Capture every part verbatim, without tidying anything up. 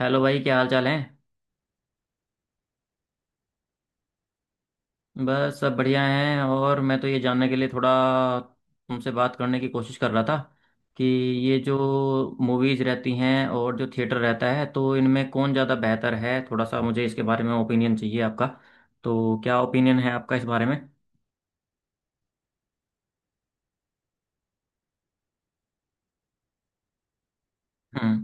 Hello भाई, क्या हाल चाल है। बस सब बढ़िया हैं, और मैं तो ये जानने के लिए थोड़ा तुमसे बात करने की कोशिश कर रहा था कि ये जो मूवीज़ रहती हैं और जो थिएटर रहता है, तो इनमें कौन ज़्यादा बेहतर है। थोड़ा सा मुझे इसके बारे में ओपिनियन चाहिए आपका। तो क्या ओपिनियन है आपका इस बारे में? हम्म,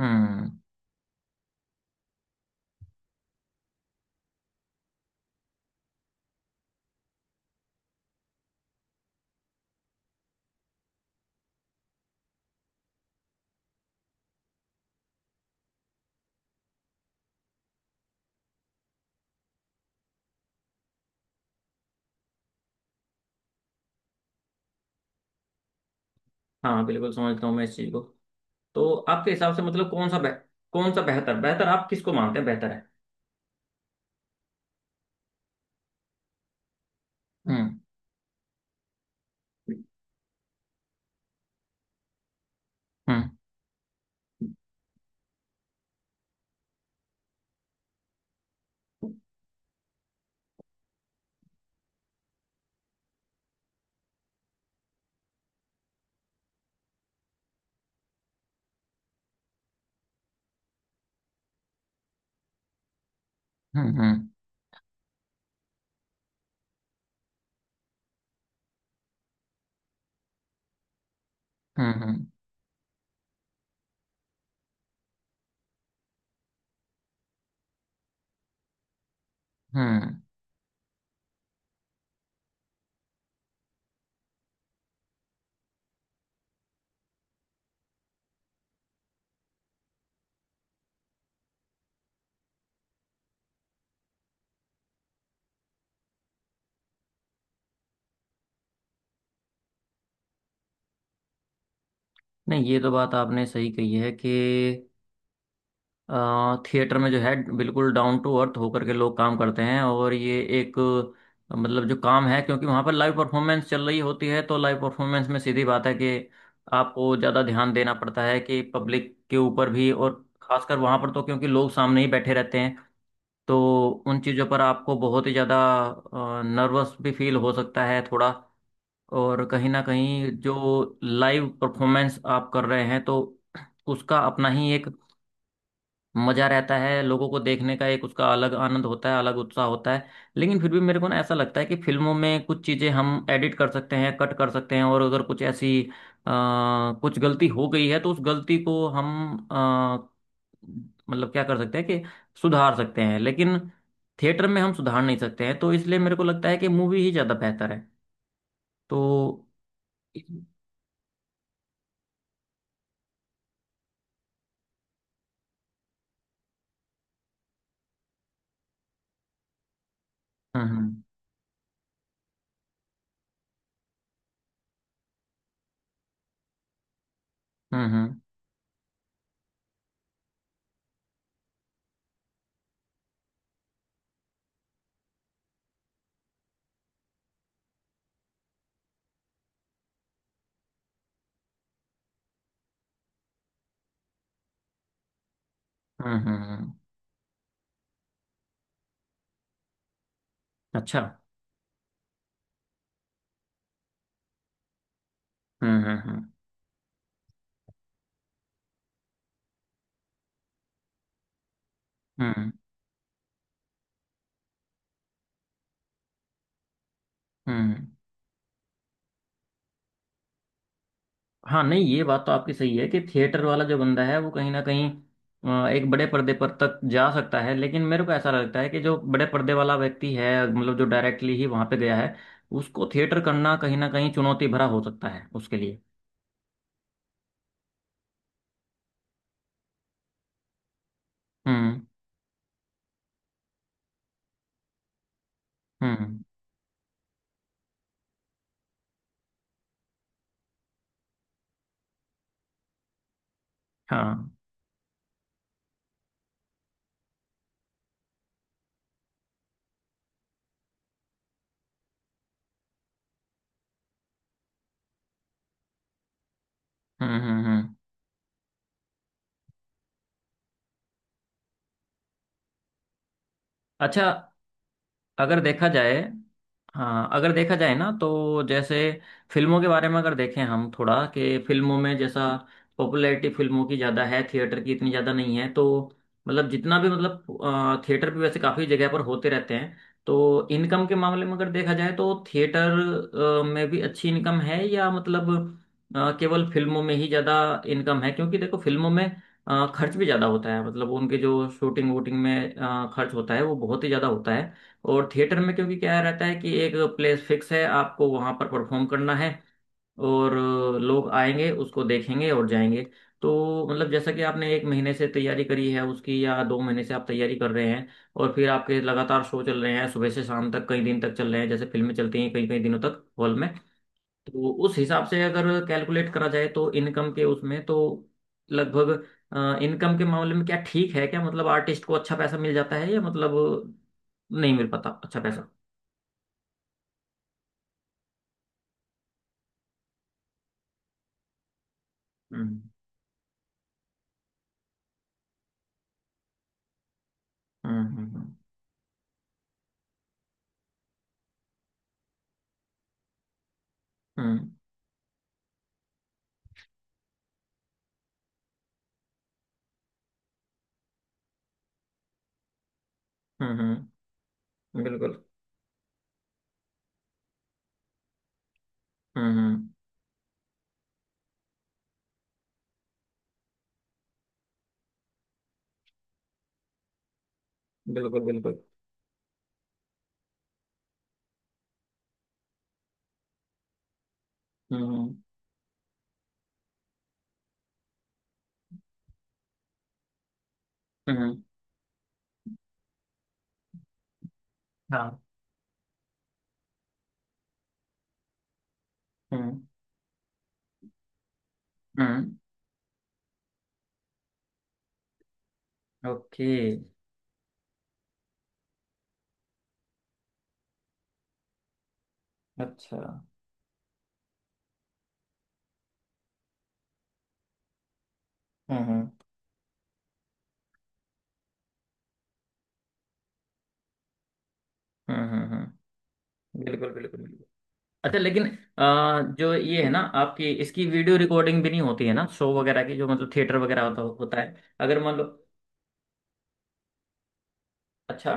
हम्म। हाँ, बिल्कुल समझता हूँ मैं इस चीज़ को। तो आपके हिसाब से, मतलब, कौन सा बेह- कौन सा बेहतर बेहतर आप किसको मानते हैं, बेहतर है? हम्म, हम्म, हम्म, हम्म, हम्म, हम्म, हम्म। नहीं, ये तो बात आपने सही कही है कि अ, थिएटर में जो है, बिल्कुल डाउन टू अर्थ होकर के लोग काम करते हैं, और ये एक अ, मतलब जो काम है, क्योंकि वहाँ पर लाइव परफॉर्मेंस चल रही होती है, तो लाइव परफॉर्मेंस में सीधी बात है कि आपको ज़्यादा ध्यान देना पड़ता है, कि पब्लिक के ऊपर भी, और खासकर वहाँ पर, तो क्योंकि लोग सामने ही बैठे रहते हैं, तो उन चीज़ों पर आपको बहुत ही ज़्यादा नर्वस भी फील हो सकता है थोड़ा। और कहीं ना कहीं जो लाइव परफॉर्मेंस आप कर रहे हैं, तो उसका अपना ही एक मजा रहता है, लोगों को देखने का एक उसका अलग आनंद होता है, अलग उत्साह होता है। लेकिन फिर भी मेरे को ना ऐसा लगता है कि फिल्मों में कुछ चीज़ें हम एडिट कर सकते हैं, कट कर सकते हैं, और अगर कुछ ऐसी अ, कुछ गलती हो गई है, तो उस गलती को हम अ, मतलब क्या कर सकते हैं कि सुधार सकते हैं। लेकिन थिएटर में हम सुधार नहीं सकते हैं, तो इसलिए मेरे को लगता है कि मूवी ही ज़्यादा बेहतर है। तो। हम्म, हम्म। हम्म, हम्म, हम्म, हम्म, हम्म, अच्छा, हम्म, हम्म, हम्म, हम्म, हम्म। हाँ, नहीं, ये बात तो आपकी सही है कि थिएटर वाला जो बंदा है, वो कहीं ना कहीं अ, एक बड़े पर्दे पर तक जा सकता है। लेकिन मेरे को ऐसा लगता है कि जो बड़े पर्दे वाला व्यक्ति है, मतलब जो डायरेक्टली ही वहां पे गया है, उसको थिएटर करना कहीं ना कहीं चुनौती भरा हो सकता है उसके लिए। हम्म, हम्म, हाँ, हम्म, हम्म, हम्म, अच्छा। अगर देखा जाए, हाँ अगर देखा जाए ना, तो जैसे फिल्मों के बारे में अगर देखें हम थोड़ा, कि फिल्मों में जैसा, पॉपुलैरिटी फिल्मों की ज़्यादा है, थिएटर की इतनी ज़्यादा नहीं है, तो मतलब जितना भी, मतलब अ, थिएटर भी वैसे काफ़ी जगह पर होते रहते हैं। तो इनकम के मामले में अगर देखा जाए तो थिएटर अ, में भी अच्छी इनकम है, या मतलब अ, केवल फिल्मों में ही ज़्यादा इनकम है, क्योंकि देखो फिल्मों में अ, खर्च भी ज़्यादा होता है, मतलब उनके जो शूटिंग वूटिंग में अ, खर्च होता है, वो बहुत ही ज़्यादा होता है। और थिएटर में, क्योंकि क्या रहता है कि एक प्लेस फिक्स है, आपको वहां पर परफॉर्म करना है, और अ, लोग आएंगे, उसको देखेंगे और जाएंगे। तो मतलब, जैसा कि आपने एक महीने से तैयारी करी है उसकी, या दो महीने से आप तैयारी कर रहे हैं, और फिर आपके लगातार शो चल रहे हैं, सुबह से शाम तक कई दिन तक चल रहे हैं, जैसे फिल्में चलती हैं कई कई दिनों तक हॉल में। तो उस हिसाब से अगर कैलकुलेट करा जाए, तो इनकम के उसमें तो लगभग, इनकम के मामले में क्या ठीक है, क्या मतलब आर्टिस्ट को अच्छा पैसा मिल जाता है, या मतलब नहीं मिल पाता अच्छा पैसा? हम्म, हम्म, हम्म, हम्म, हम्म, हम्म, हम्म, बिल्कुल। हम्म, हम्म, बिल्कुल बिल्कुल। हम्म, हम्म, हाँ, हम्म, हम्म, ओके, अच्छा, हम्म, हम्म, हम्म, हम्म, हम्म, बिल्कुल बिल्कुल बिल्कुल। अच्छा, लेकिन आ, जो ये है ना, आपकी, इसकी वीडियो रिकॉर्डिंग भी नहीं होती है ना, शो वगैरह की, जो मतलब थिएटर वगैरह होता होता है। अगर मान लो, अच्छा,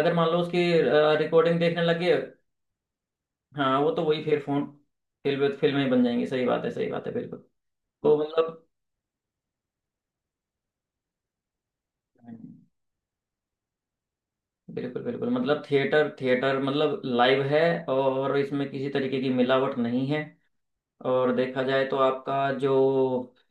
अगर मान लो उसकी रिकॉर्डिंग देखने लगे, हाँ, वो तो वही, फिर फोन, फिल्म, फिल्में बन जाएंगी, सही बात है, सही बात है, बिल्कुल। तो मतलब। हम्म। बिल्कुल बिल्कुल, मतलब थिएटर, थिएटर मतलब लाइव है, और इसमें किसी तरीके की मिलावट नहीं है। और देखा जाए तो आपका जो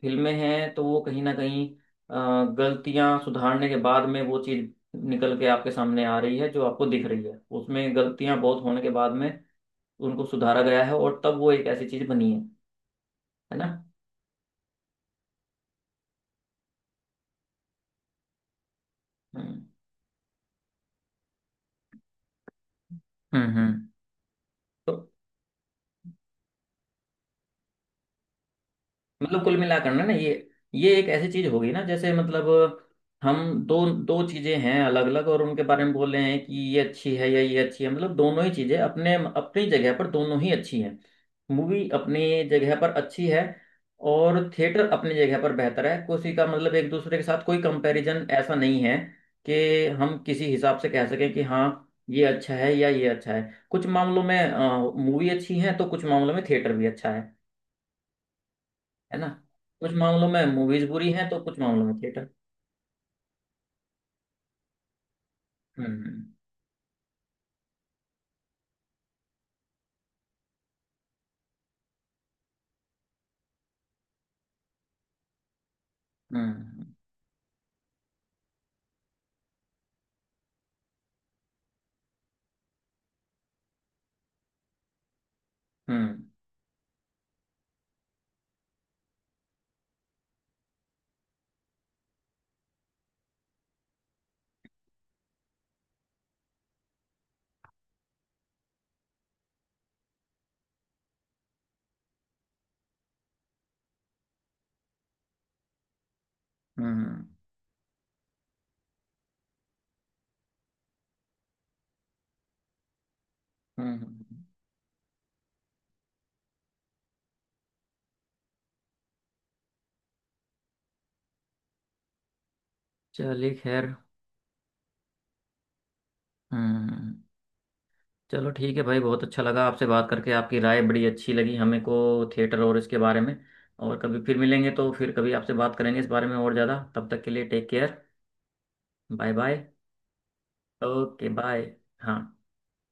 फिल्में हैं, तो वो कहीं ना कहीं अ, गलतियां सुधारने के बाद में वो चीज़ निकल के आपके सामने आ रही है, जो आपको दिख रही है, उसमें गलतियां बहुत होने के बाद में उनको सुधारा गया है, और तब वो एक ऐसी चीज़ बनी है है ना। हम्म, हम्म, हम्म। तो मतलब कुल मिलाकर ना ना ये ये एक ऐसी चीज होगी ना, जैसे मतलब, हम, दो दो चीजें हैं अलग अलग, और उनके बारे में बोल रहे हैं कि ये अच्छी है या ये अच्छी है, मतलब दोनों ही चीजें अपने अपनी जगह पर दोनों ही अच्छी हैं। मूवी अपनी जगह पर अच्छी है, और थिएटर अपनी जगह पर बेहतर है, किसी का, मतलब एक दूसरे के साथ कोई कंपैरिजन ऐसा नहीं है, कि हम किसी हिसाब से कह सकें कि हाँ, ये अच्छा है या ये अच्छा है। कुछ मामलों में मूवी अच्छी है, तो कुछ मामलों में थिएटर भी अच्छा है है ना। कुछ मामलों में मूवीज बुरी हैं, तो कुछ मामलों में थिएटर। हम्म, हम्म, हम्म, हम्म, हम्म, हम्म, हम्म। चलिए खैर, हम्म, चलो ठीक है भाई, बहुत अच्छा लगा आपसे बात करके, आपकी राय बड़ी अच्छी लगी हमें को, थिएटर और इसके बारे में। और कभी फिर मिलेंगे तो फिर कभी आपसे बात करेंगे इस बारे में और ज़्यादा। तब तक के लिए take care. Bye bye. Okay bye. हाँ।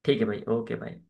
ठीक है भाई, ओके बाय।